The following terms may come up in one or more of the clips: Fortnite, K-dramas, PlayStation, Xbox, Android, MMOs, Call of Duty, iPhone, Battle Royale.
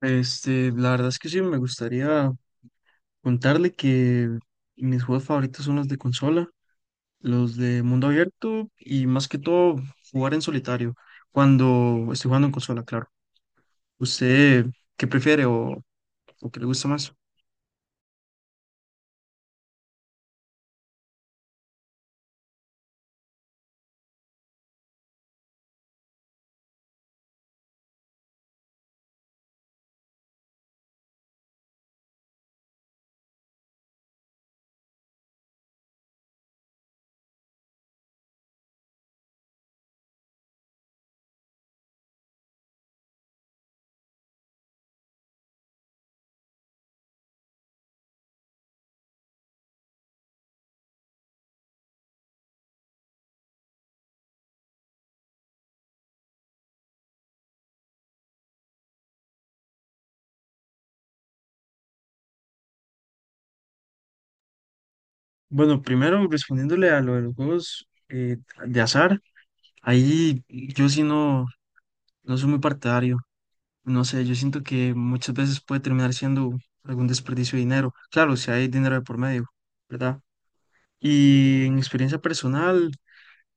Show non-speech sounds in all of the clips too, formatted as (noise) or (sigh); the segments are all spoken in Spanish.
La verdad es que sí, me gustaría contarle que mis juegos favoritos son los de consola, los de mundo abierto y más que todo jugar en solitario, cuando estoy jugando en consola, claro. ¿Usted qué prefiere o qué le gusta más? Bueno, primero respondiéndole a lo de los juegos de azar, ahí yo sí no, no soy muy partidario. No sé, yo siento que muchas veces puede terminar siendo algún desperdicio de dinero. Claro, si hay dinero de por medio, ¿verdad? Y en experiencia personal,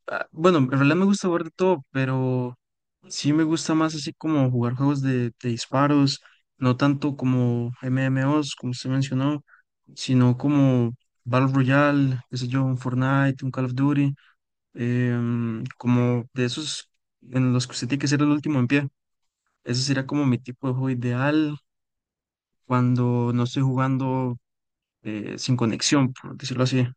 ah, bueno, en realidad me gusta jugar de todo, pero sí me gusta más así como jugar juegos de disparos, no tanto como MMOs, como usted mencionó, sino como Battle Royale, qué sé yo, un Fortnite, un Call of Duty, como de esos en los que usted tiene que ser el último en pie. Ese sería como mi tipo de juego ideal cuando no estoy jugando sin conexión, por decirlo así.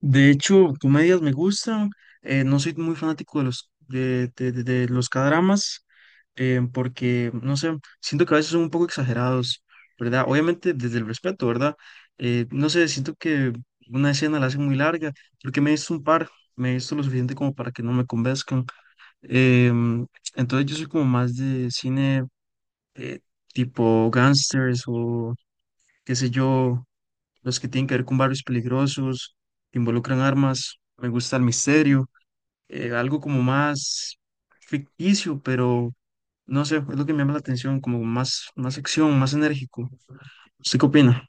De hecho, comedias me gustan. No soy muy fanático de los de los K-dramas porque, no sé, siento que a veces son un poco exagerados, ¿verdad? Obviamente desde el respeto, ¿verdad? No sé, siento que una escena la hacen muy larga porque me he visto un par, me he visto lo suficiente como para que no me convenzcan. em, entonces yo soy como más de cine eh, tipo gangsters o qué sé yo, los que tienen que ver con barrios peligrosos, que involucran armas. Me gusta el misterio, algo como más ficticio, pero no sé, es lo que me llama la atención, como más, más acción, más enérgico. ¿Usted qué opina?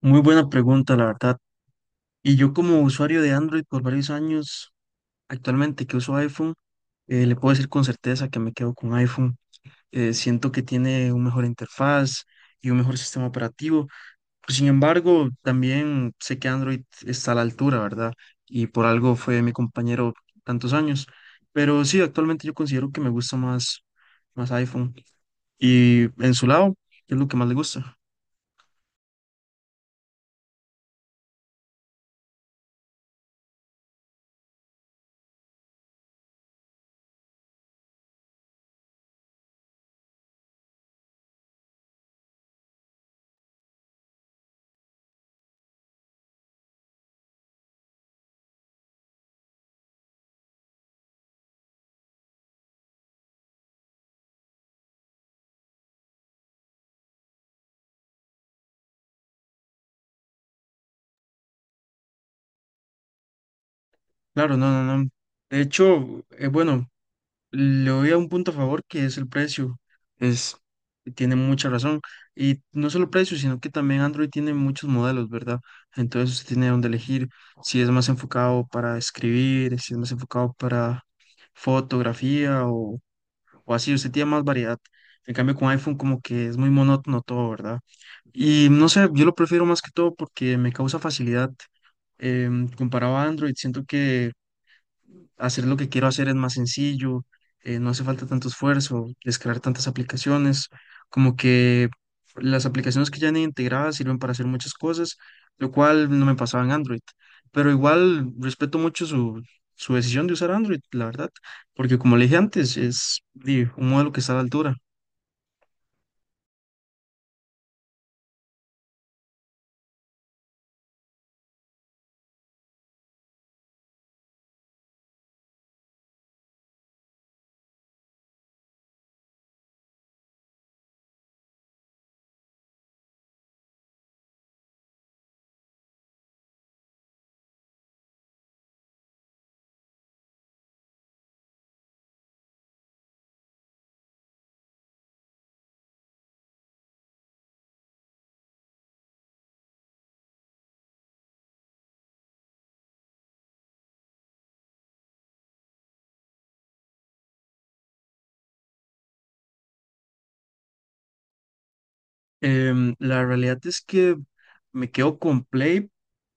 Muy buena pregunta, la verdad. Y yo como usuario de Android por varios años, actualmente que uso iPhone, le puedo decir con certeza que me quedo con iPhone. Siento que tiene una mejor interfaz y un mejor sistema operativo. Sin embargo, también sé que Android está a la altura, ¿verdad? Y por algo fue mi compañero tantos años. Pero sí, actualmente yo considero que me gusta más, más iPhone. Y en su lado, ¿qué es lo que más le gusta? Claro, no, no, no. De hecho, bueno, le doy a un punto a favor que es el precio. Es, tiene mucha razón. Y no solo precio, sino que también Android tiene muchos modelos, ¿verdad? Entonces usted tiene donde elegir si es más enfocado para escribir, si es más enfocado para fotografía o así. Usted tiene más variedad. En cambio, con iPhone como que es muy monótono todo, ¿verdad? Y no sé, yo lo prefiero más que todo porque me causa facilidad comparado a Android, siento que hacer lo que quiero hacer es más sencillo, no hace falta tanto esfuerzo, descargar tantas aplicaciones, como que las aplicaciones que ya han integradas sirven para hacer muchas cosas, lo cual no me pasaba en Android, pero igual respeto mucho su, su decisión de usar Android, la verdad, porque como le dije antes, es di, un modelo que está a la altura. La realidad es que me quedo con Play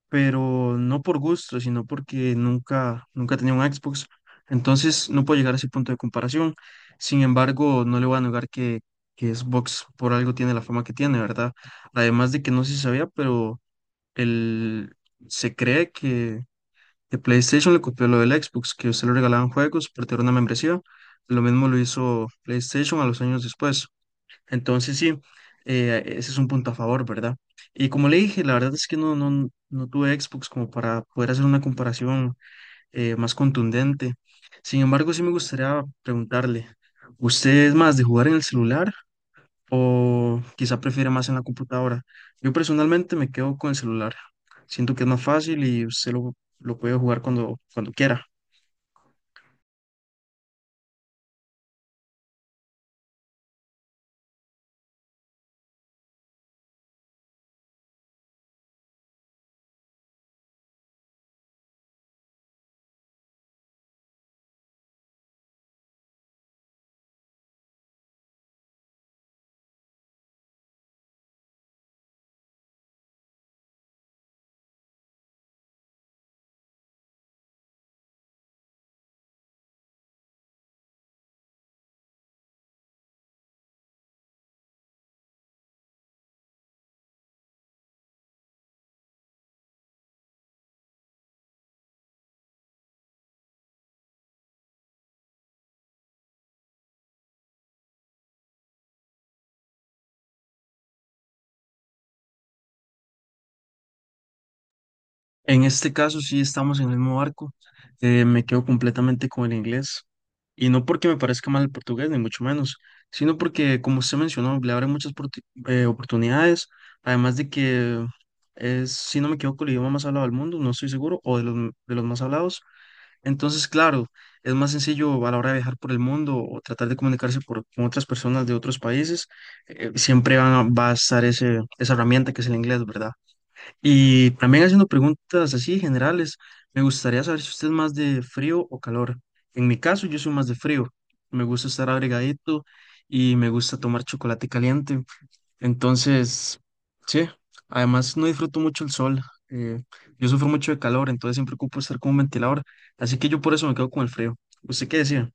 pero no por gusto, sino porque nunca, nunca tenía un Xbox. Entonces no puedo llegar a ese punto de comparación. Sin embargo, no le voy a negar que Xbox por algo tiene la fama que tiene, ¿verdad? Además de que no sé si sabía, pero el, se cree que PlayStation le copió lo del Xbox, que usted le regalaban juegos, pero tenía una membresía. Lo mismo lo hizo PlayStation a los años después. Entonces sí, ese es un punto a favor, ¿verdad? Y como le dije, la verdad es que no, no, no tuve Xbox como para poder hacer una comparación más contundente. Sin embargo, sí me gustaría preguntarle, ¿usted es más de jugar en el celular o quizá prefiere más en la computadora? Yo personalmente me quedo con el celular. Siento que es más fácil y usted lo puede jugar cuando, cuando quiera. En este caso sí estamos en el mismo barco. Me quedo completamente con el inglés. Y no porque me parezca mal el portugués, ni mucho menos, sino porque, como usted mencionó, le abre muchas oportunidades. Además de que es, si no me equivoco, el idioma más hablado del mundo, no estoy seguro, o de los, de los más hablados. Entonces, claro, es más sencillo a la hora de viajar por el mundo o tratar de comunicarse por, con otras personas de otros países. Siempre va a estar ese, esa herramienta que es el inglés, ¿verdad? Y también haciendo preguntas así generales, me gustaría saber si usted es más de frío o calor. En mi caso, yo soy más de frío. Me gusta estar abrigadito y me gusta tomar chocolate caliente. Entonces, sí, además no disfruto mucho el sol. eh, yo sufro mucho de calor, entonces siempre ocupo estar con un ventilador. Así que yo por eso me quedo con el frío. ¿Usted qué decía?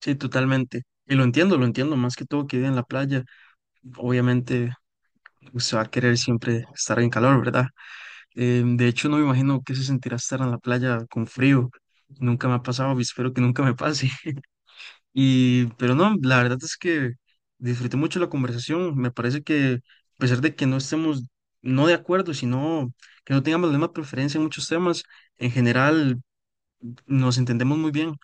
Sí, totalmente. Y lo entiendo, lo entiendo. Más que todo que vive en la playa, obviamente usted va a querer siempre estar en calor, ¿verdad? De hecho, no me imagino qué se sentirá estar en la playa con frío. Nunca me ha pasado y espero que nunca me pase. (laughs) Y, pero no, la verdad es que disfruté mucho la conversación. Me parece que a pesar de que no estemos no de acuerdo, sino que no tengamos la misma preferencia en muchos temas, en general nos entendemos muy bien.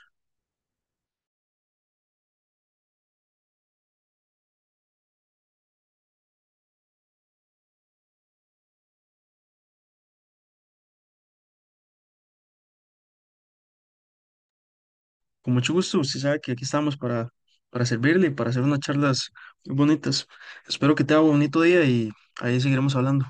Con mucho gusto, usted sabe que aquí estamos para servirle y para hacer unas charlas muy bonitas. Espero que te haga un bonito día y ahí seguiremos hablando.